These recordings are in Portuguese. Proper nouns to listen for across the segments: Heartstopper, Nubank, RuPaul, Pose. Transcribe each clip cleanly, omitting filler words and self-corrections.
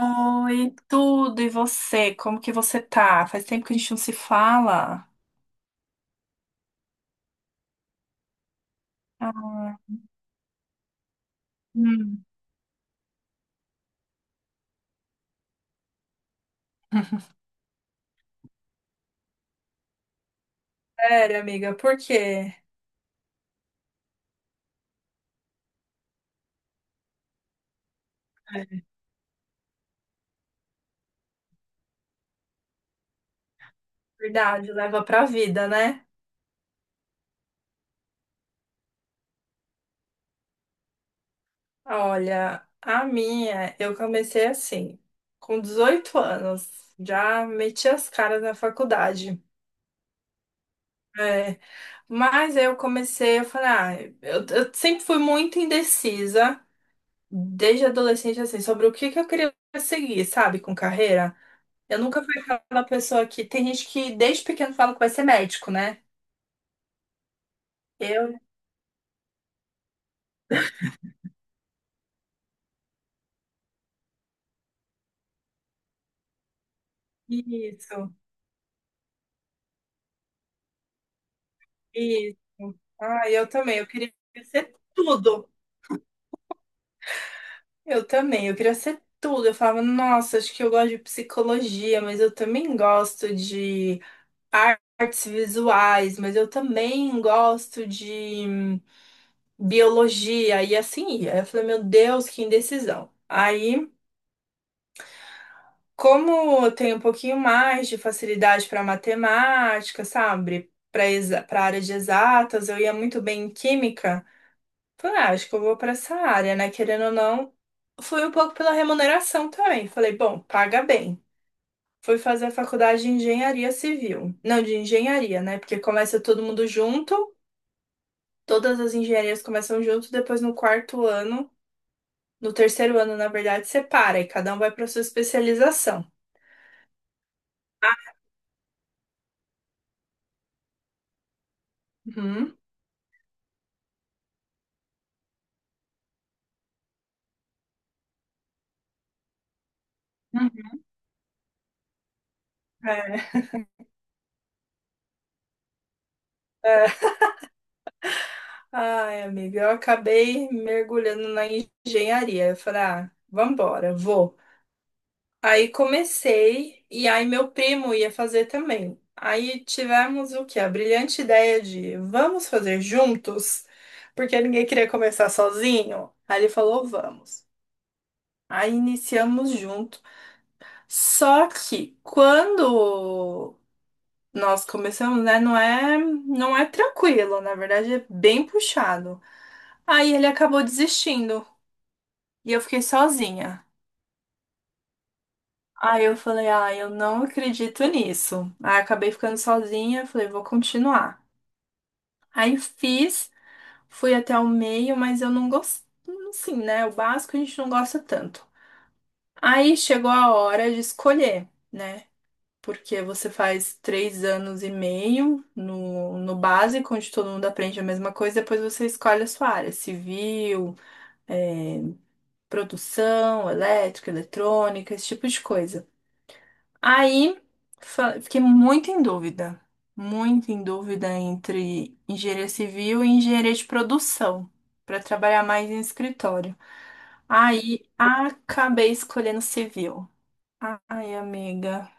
Oi, tudo, e você? Como que você tá? Faz tempo que a gente não se fala. Ah. Hum. Sério, amiga, por quê? Verdade, leva pra vida, né? Olha, a minha, eu comecei assim, com 18 anos, já meti as caras na faculdade. É, mas eu comecei, eu falei, ah, eu sempre fui muito indecisa, desde adolescente, assim, sobre o que que eu queria seguir, sabe, com carreira. Eu nunca fui aquela pessoa que. Tem gente que desde pequeno fala que vai ser médico, né? Eu. Isso, isso. Ah, eu também. Eu queria ser tudo. Eu também. Eu queria ser tudo. Eu falava, nossa, acho que eu gosto de psicologia, mas eu também gosto de artes visuais, mas eu também gosto de biologia. E assim ia. Eu falei, meu Deus, que indecisão. Aí. Como eu tenho um pouquinho mais de facilidade para matemática, sabe? Para área de exatas, eu ia muito bem em química. Falei, ah, acho que eu vou para essa área, né? Querendo ou não, fui um pouco pela remuneração também. Falei, bom, paga bem. Fui fazer a faculdade de engenharia civil. Não, de engenharia, né? Porque começa todo mundo junto, todas as engenharias começam junto, depois no quarto ano, no terceiro ano, na verdade, separa e cada um vai para sua especialização. Uhum. Uhum. É. Ai, amiga, eu acabei mergulhando na engenharia. Eu falei, ah, vambora, vou. Aí comecei, e aí meu primo ia fazer também. Aí tivemos o quê? A brilhante ideia de vamos fazer juntos, porque ninguém queria começar sozinho. Aí ele falou, vamos. Aí iniciamos junto. Só que quando nós começamos, né, não é tranquilo, na verdade é bem puxado. Aí ele acabou desistindo. E eu fiquei sozinha. Aí eu falei, ah, eu não acredito nisso. Aí acabei ficando sozinha, falei, vou continuar. Aí fiz, fui até o meio, mas eu não gostei, assim, né? O básico a gente não gosta tanto. Aí chegou a hora de escolher, né? Porque você faz 3 anos e meio no básico, onde todo mundo aprende a mesma coisa, depois você escolhe a sua área, civil, eh, produção, elétrica, eletrônica, esse tipo de coisa. Aí fiquei muito em dúvida entre engenharia civil e engenharia de produção, para trabalhar mais em escritório. Aí acabei escolhendo civil. Ai, amiga,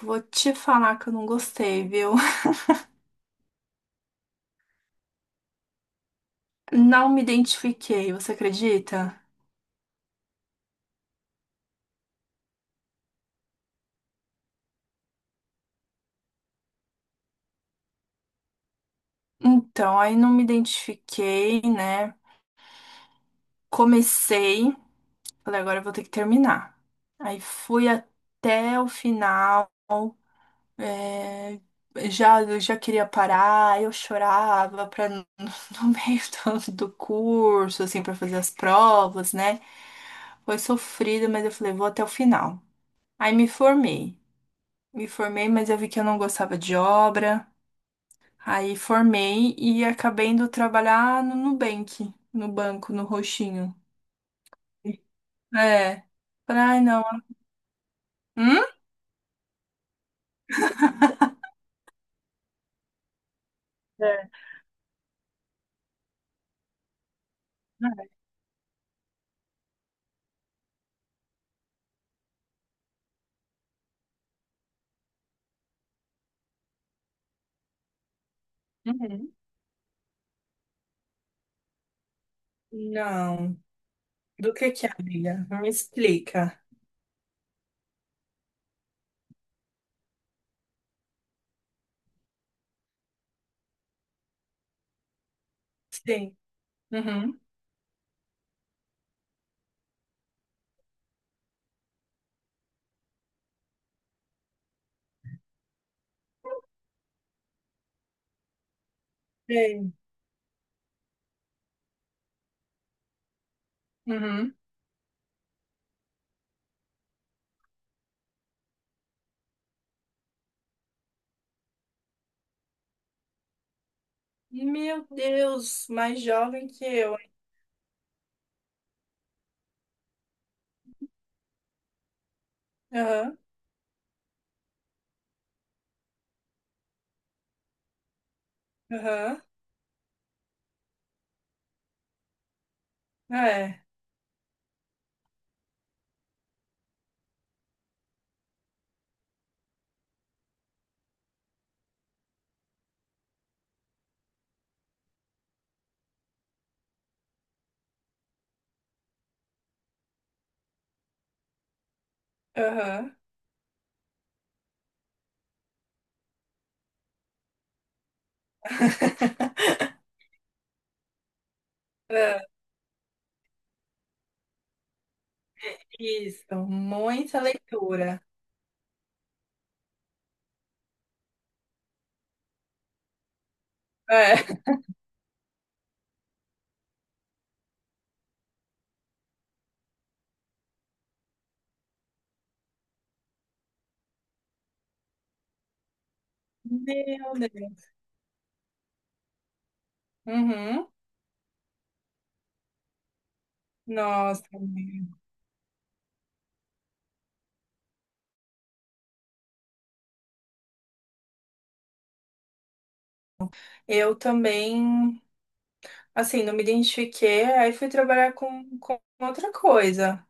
vou te falar que eu não gostei, viu? Não me identifiquei, você acredita? Então, aí não me identifiquei, né? Comecei, falei, agora eu vou ter que terminar. Aí fui até o final. É, já, eu já queria parar, eu chorava pra, no no meio do curso, assim, pra fazer as provas, né? Foi sofrido, mas eu falei, vou até o final. Aí me formei. Me formei, mas eu vi que eu não gostava de obra. Aí formei e acabei indo trabalhar no Nubank, no banco, no roxinho. É. Falei, ai, não. Hum? É. Uhum. Não. Do que é, amiga? Me explica. Sim. Uhum. Sei. Uhum. Meu Deus, mais jovem que eu, hein? Aham, aham, é, aham. É. Isso, muita leitura. É. Meu Deus. Uhum. Nossa, meu. Eu também, assim, não me identifiquei, aí fui trabalhar com outra coisa.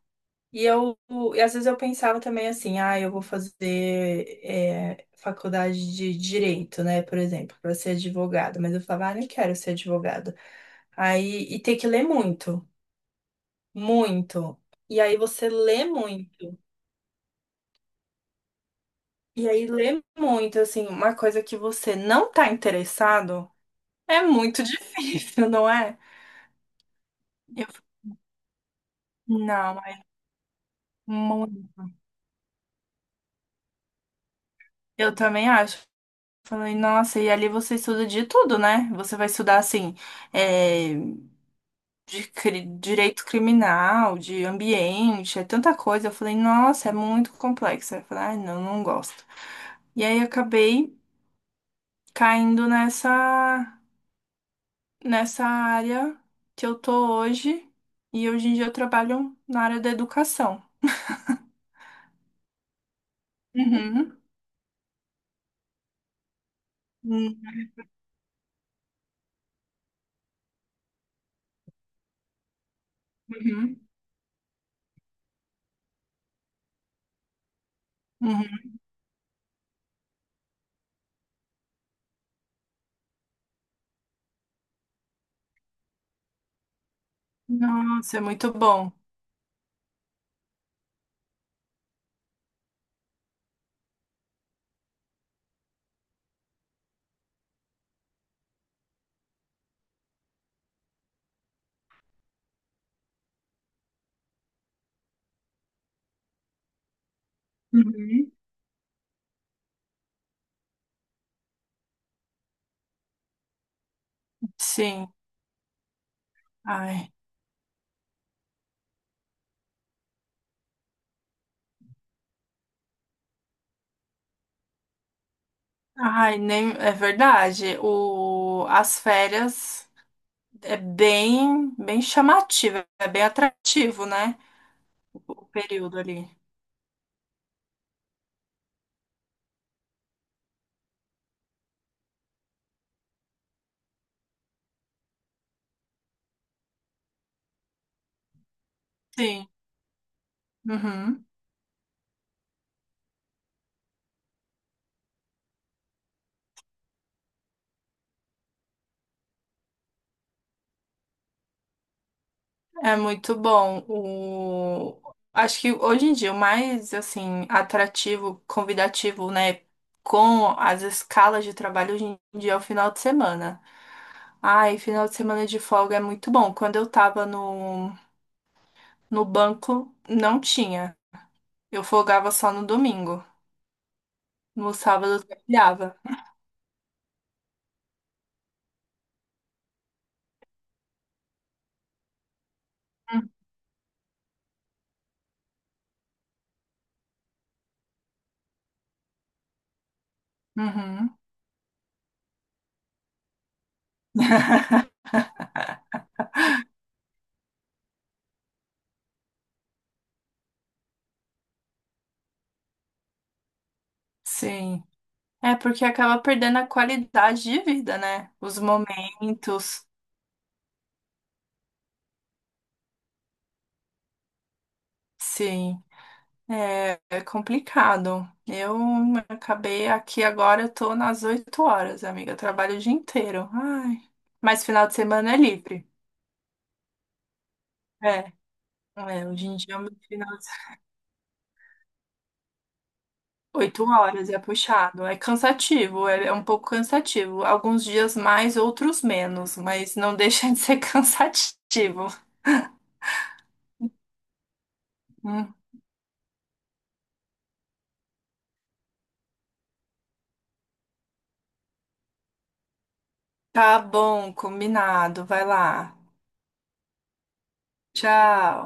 E eu, e às vezes eu pensava também assim, ah, eu vou fazer é, faculdade de direito, né, por exemplo, para ser advogado. Mas eu falava, ah, não quero ser advogado. Aí, e tem que ler muito, muito. E aí você lê muito. E aí lê muito, assim, uma coisa que você não tá interessado é muito difícil, não é? Eu falei, não, é muito. Eu também acho. Falei, nossa, e ali você estuda de tudo, né? Você vai estudar, assim, eh, de direito criminal, de ambiente, é tanta coisa. Eu falei, nossa, é muito complexo. Aí eu falei, ai, não, não gosto. E aí eu acabei caindo nessa área que eu tô hoje, e hoje em dia eu trabalho na área da educação. Uhum. Uhum. Uhum. Nossa, é muito bom. Uhum. Sim. Ai. Ai, nem é verdade. O, as férias. É bem, bem chamativo, é bem atrativo, né? O o período ali. Sim. Uhum. É muito bom. O... Acho que hoje em dia o mais assim atrativo, convidativo, né, com as escalas de trabalho hoje em dia é o final de semana. Ai, final de semana de folga é muito bom. Quando eu tava no banco, não tinha. Eu folgava só no domingo. No sábado eu trabalhava. Uhum. Sim. É porque acaba perdendo a qualidade de vida, né? Os momentos. Sim, é, é complicado. Eu acabei aqui agora, eu tô nas 8 horas, amiga. Eu trabalho o dia inteiro. Ai. Mas final de semana é livre. É, é, hoje em dia, é meu final de semana, 8 horas é puxado. É cansativo, é, é um pouco cansativo. Alguns dias mais, outros menos, mas não deixa de ser cansativo. Hum. Tá bom, combinado. Vai lá. Tchau.